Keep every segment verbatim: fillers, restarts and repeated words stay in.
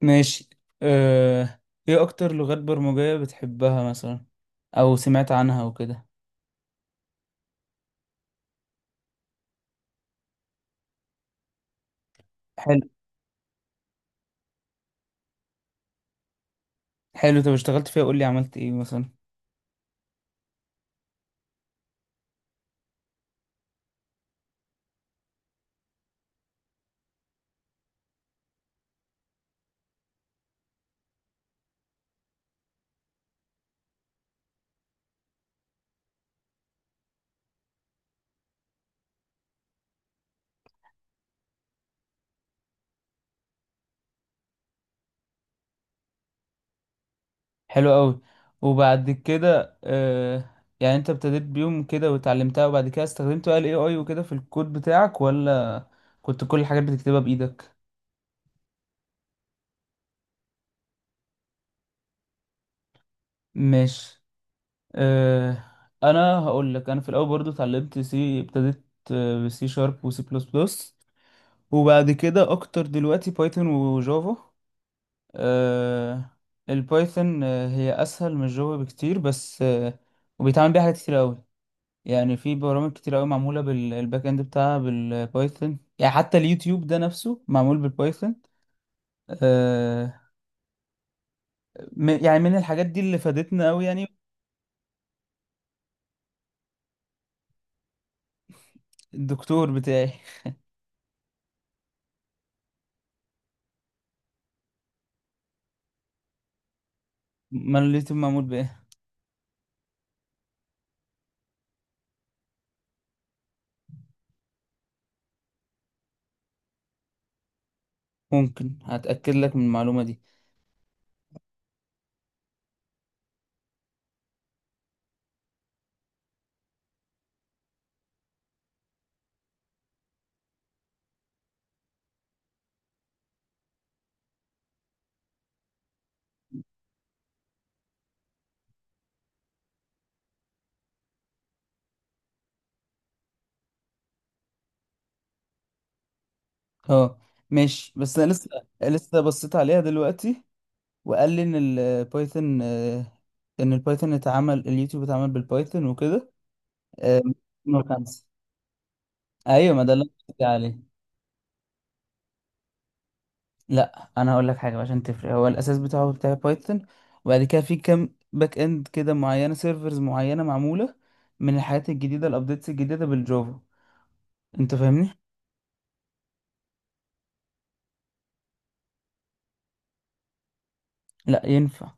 ماشي. أه... ايه اكتر لغات برمجية بتحبها مثلا، او سمعت عنها وكده؟ حلو، حلو. طب اشتغلت فيها، قول لي عملت ايه مثلا؟ حلو قوي. وبعد كده أه... يعني انت ابتديت بيهم كده وتعلمتها، وبعد كده استخدمت بقى الاي اي وكده في الكود بتاعك، ولا كنت كل الحاجات بتكتبها بايدك؟ ماشي. أه... انا هقول لك، انا في الاول برضو اتعلمت سي، ابتديت بسي شارب وسي بلس بلس. وبعد كده اكتر دلوقتي بايثون وجافا. آه، البايثون آه، هي اسهل من الجافا بكتير، بس آه، وبيتعمل بيها حاجات كتير قوي. يعني في برامج كتير قوي معموله بالباك اند بتاعها بالبايثون، يعني حتى اليوتيوب ده نفسه معمول بالبايثون. آه، م- يعني من الحاجات دي اللي فادتنا قوي يعني. الدكتور بتاعي. ما اليوتيوب معمول بايه؟ ممكن هتاكد لك من المعلومه دي. اه، ماشي. بس انا لسه لسه بصيت عليها دلوقتي، وقال لي ان البايثون آه، ان البايثون اتعمل اليوتيوب اتعمل بالبايثون وكده. آه، من خمسة. ايوه، ما ده اللي انا قصدي عليه. لا، انا هقول لك حاجه بقى عشان تفرق، هو الاساس بتاعه بتاع بايثون، وبعد كده في كام باك اند كده معينه، سيرفرز معينه معموله من الحاجات الجديده، الابديتس الجديده بالجافا. انت فاهمني؟ لا ينفع.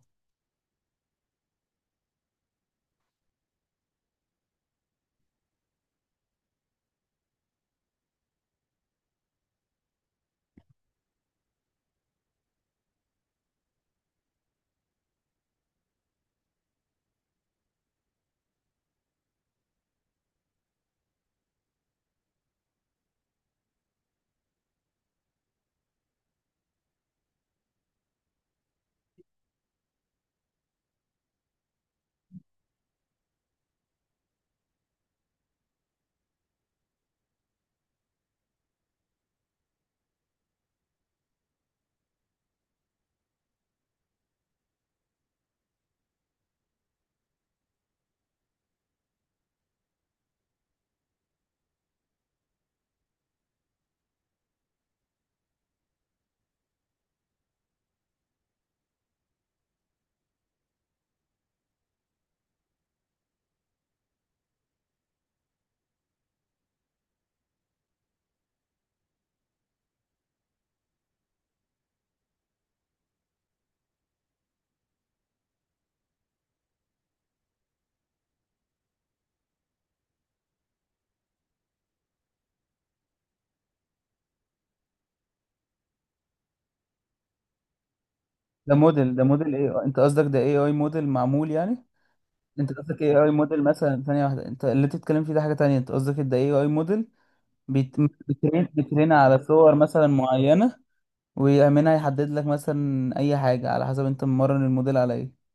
ده موديل، ده موديل ايه انت قصدك؟ ده اي اي موديل معمول يعني؟ انت قصدك اي اي موديل مثلا؟ ثانيه واحده، انت اللي انت بتتكلم فيه ده حاجه تانية. انت قصدك ده اي اي موديل بيت- بترين بترين على صور مثلا معينة، ويأمنها يحدد لك مثلا أي حاجة، على حسب أنت مرن الموديل على إيه.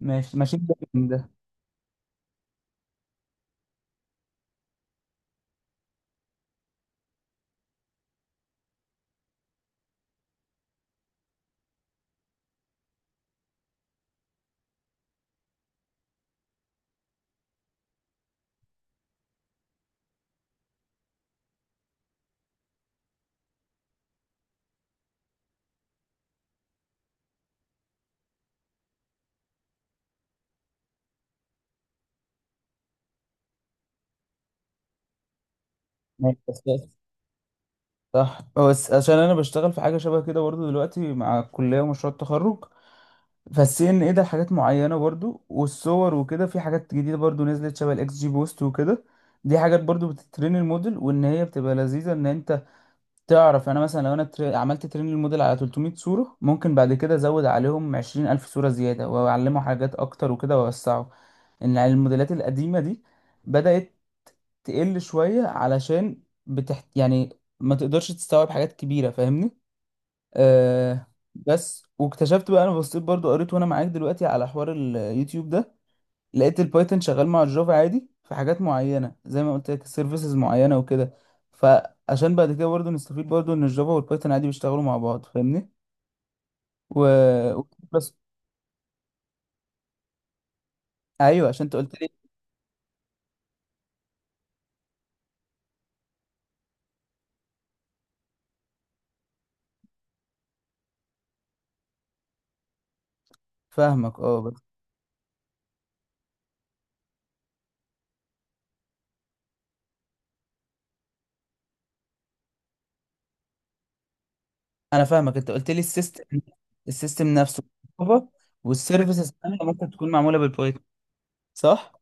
ماشي، ماشي. ده من ده. ماشي، بس بس. صح، بس عشان أنا بشتغل في حاجة شبه كده برضو دلوقتي مع الكلية ومشروع التخرج. فالسي ان ايه ده حاجات معينة برضو، والصور وكده في حاجات جديدة برضو نزلت، شبه الاكس جي بوست وكده. دي حاجات برضو بتترين الموديل، وان هي بتبقى لذيذة. ان انت تعرف، انا مثلا لو انا تر... عملت ترين للموديل على تلت مية صوره صورة، ممكن بعد كده ازود عليهم عشرين الف صوره صورة زيادة، واعلمه حاجات اكتر وكده، واوسعه. ان الموديلات القديمة دي بدأت تقل شوية، علشان بتحت... يعني ما تقدرش تستوعب حاجات كبيرة. فاهمني. آه. بس واكتشفت بقى، انا بصيت برضو، قريت وانا معاك دلوقتي على حوار اليوتيوب ده، لقيت البايثون شغال مع الجافا عادي في حاجات معينه، زي ما قلت لك، سيرفيسز معينه وكده. فعشان بعد كده برضه نستفيد برضه، ان الجافا والبايثون عادي بيشتغلوا مع بعض. فاهمني. و... و- بس. ايوه، عشان انت قلت لي. فاهمك اه، بس انا فاهمك. انت قلت لي السيستم السيستم نفسه جافا، والسيرفيسز الثانيه ممكن تكون معموله بالبايثون، صح؟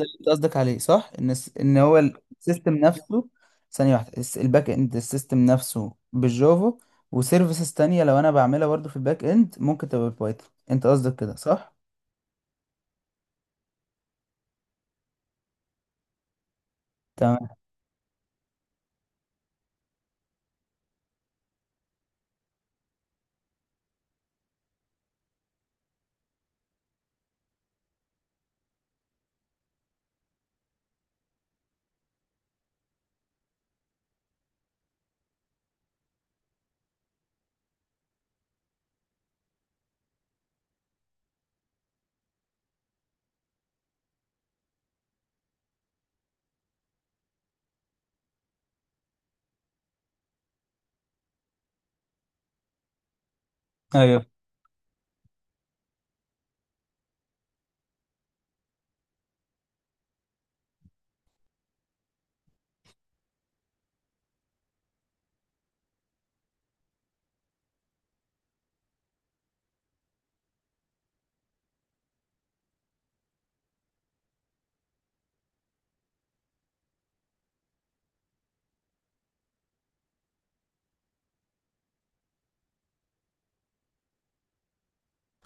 انت قصدك عليه، صح؟ ان الس- ان هو السيستم نفسه. ثانيه واحده، الس- الباك اند السيستم نفسه بالجافا، وسيرفيسز تانية لو انا بعملها برضه في الباك اند ممكن تبقى بايثون. انت قصدك كده، صح؟ تمام. ايوه،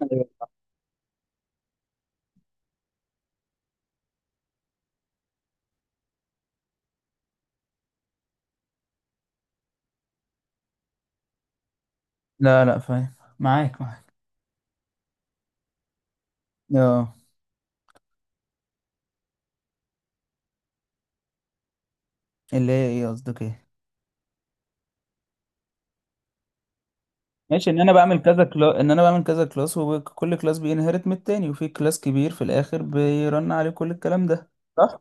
ايوه. لا، لا، فاهم، معاك، معاك. اه. اللي هي ايه، قصدك ايه؟ ماشي، ان انا بعمل كذا كلا... ان انا بعمل كذا كلاس، وكل كلاس بينهرت من التاني، وفي كلاس كبير في الاخر بيرن عليه كل الكلام ده. صح.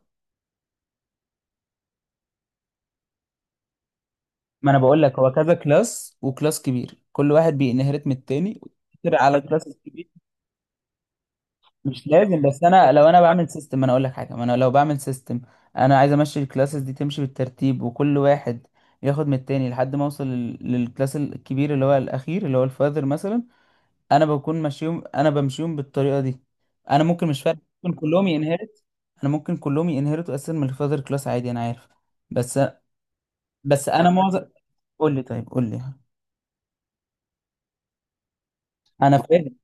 ما انا بقول لك، هو كذا كلاس وكلاس كبير، كل واحد بينهرت من التاني. كتير على كلاس كبير. مش لازم. بس انا لو انا بعمل سيستم، انا اقول لك حاجه. ما انا لو بعمل سيستم، انا عايز امشي الكلاسز دي تمشي بالترتيب، وكل واحد ياخد من التاني لحد ما اوصل لل- للكلاس الكبير، اللي هو الاخير، اللي هو الفاذر مثلا. انا بكون ماشيهم، انا بمشيهم بالطريقه دي. انا ممكن، مش فارق، ممكن كلهم ينهرت، انا ممكن كلهم ينهرتوا اساسا من الفاذر كلاس عادي، انا عارف. بس، بس انا معظم. قول لي، طيب قول لي. انا فاهم،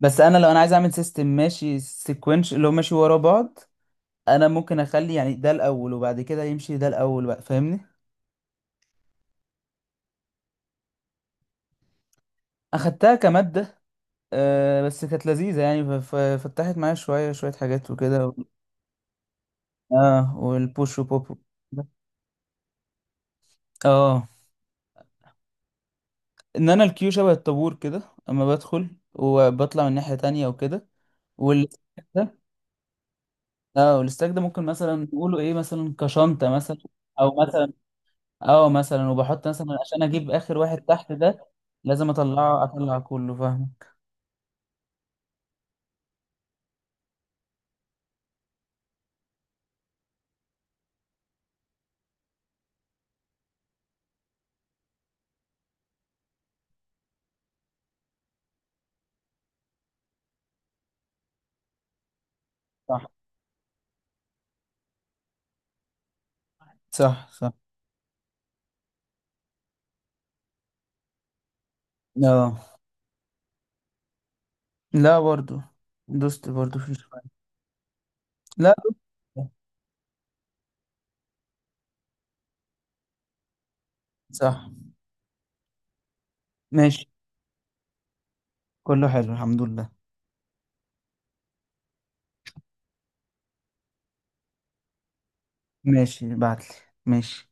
بس انا لو انا عايز اعمل سيستم ماشي سيكونش اللي هو ماشي ورا بعض. انا ممكن اخلي يعني ده الاول، وبعد كده يمشي ده الاول بقى. فاهمني. اخدتها كمادة. أه بس كانت لذيذة يعني. ف- ف- فتحت معايا شوية شوية حاجات وكده و- اه، والبوش وبوب. اه، ان انا الكيو شبه الطابور كده، اما بدخل وبطلع من ناحية تانية وكده. والستاك ده اه، والستاك ده ممكن مثلا نقوله ايه، مثلا كشنطة مثلا، او مثلا. اه مثلا وبحط مثلا عشان اجيب اخر واحد تحت ده، لازم اطلعه، اطلع كله. فاهم. صح، صح، صح. اه. لا، برضو دوست برضو في شوية. لا، صح. ماشي، كله حلو الحمد لله. ماشي، بعتلي. ماشي.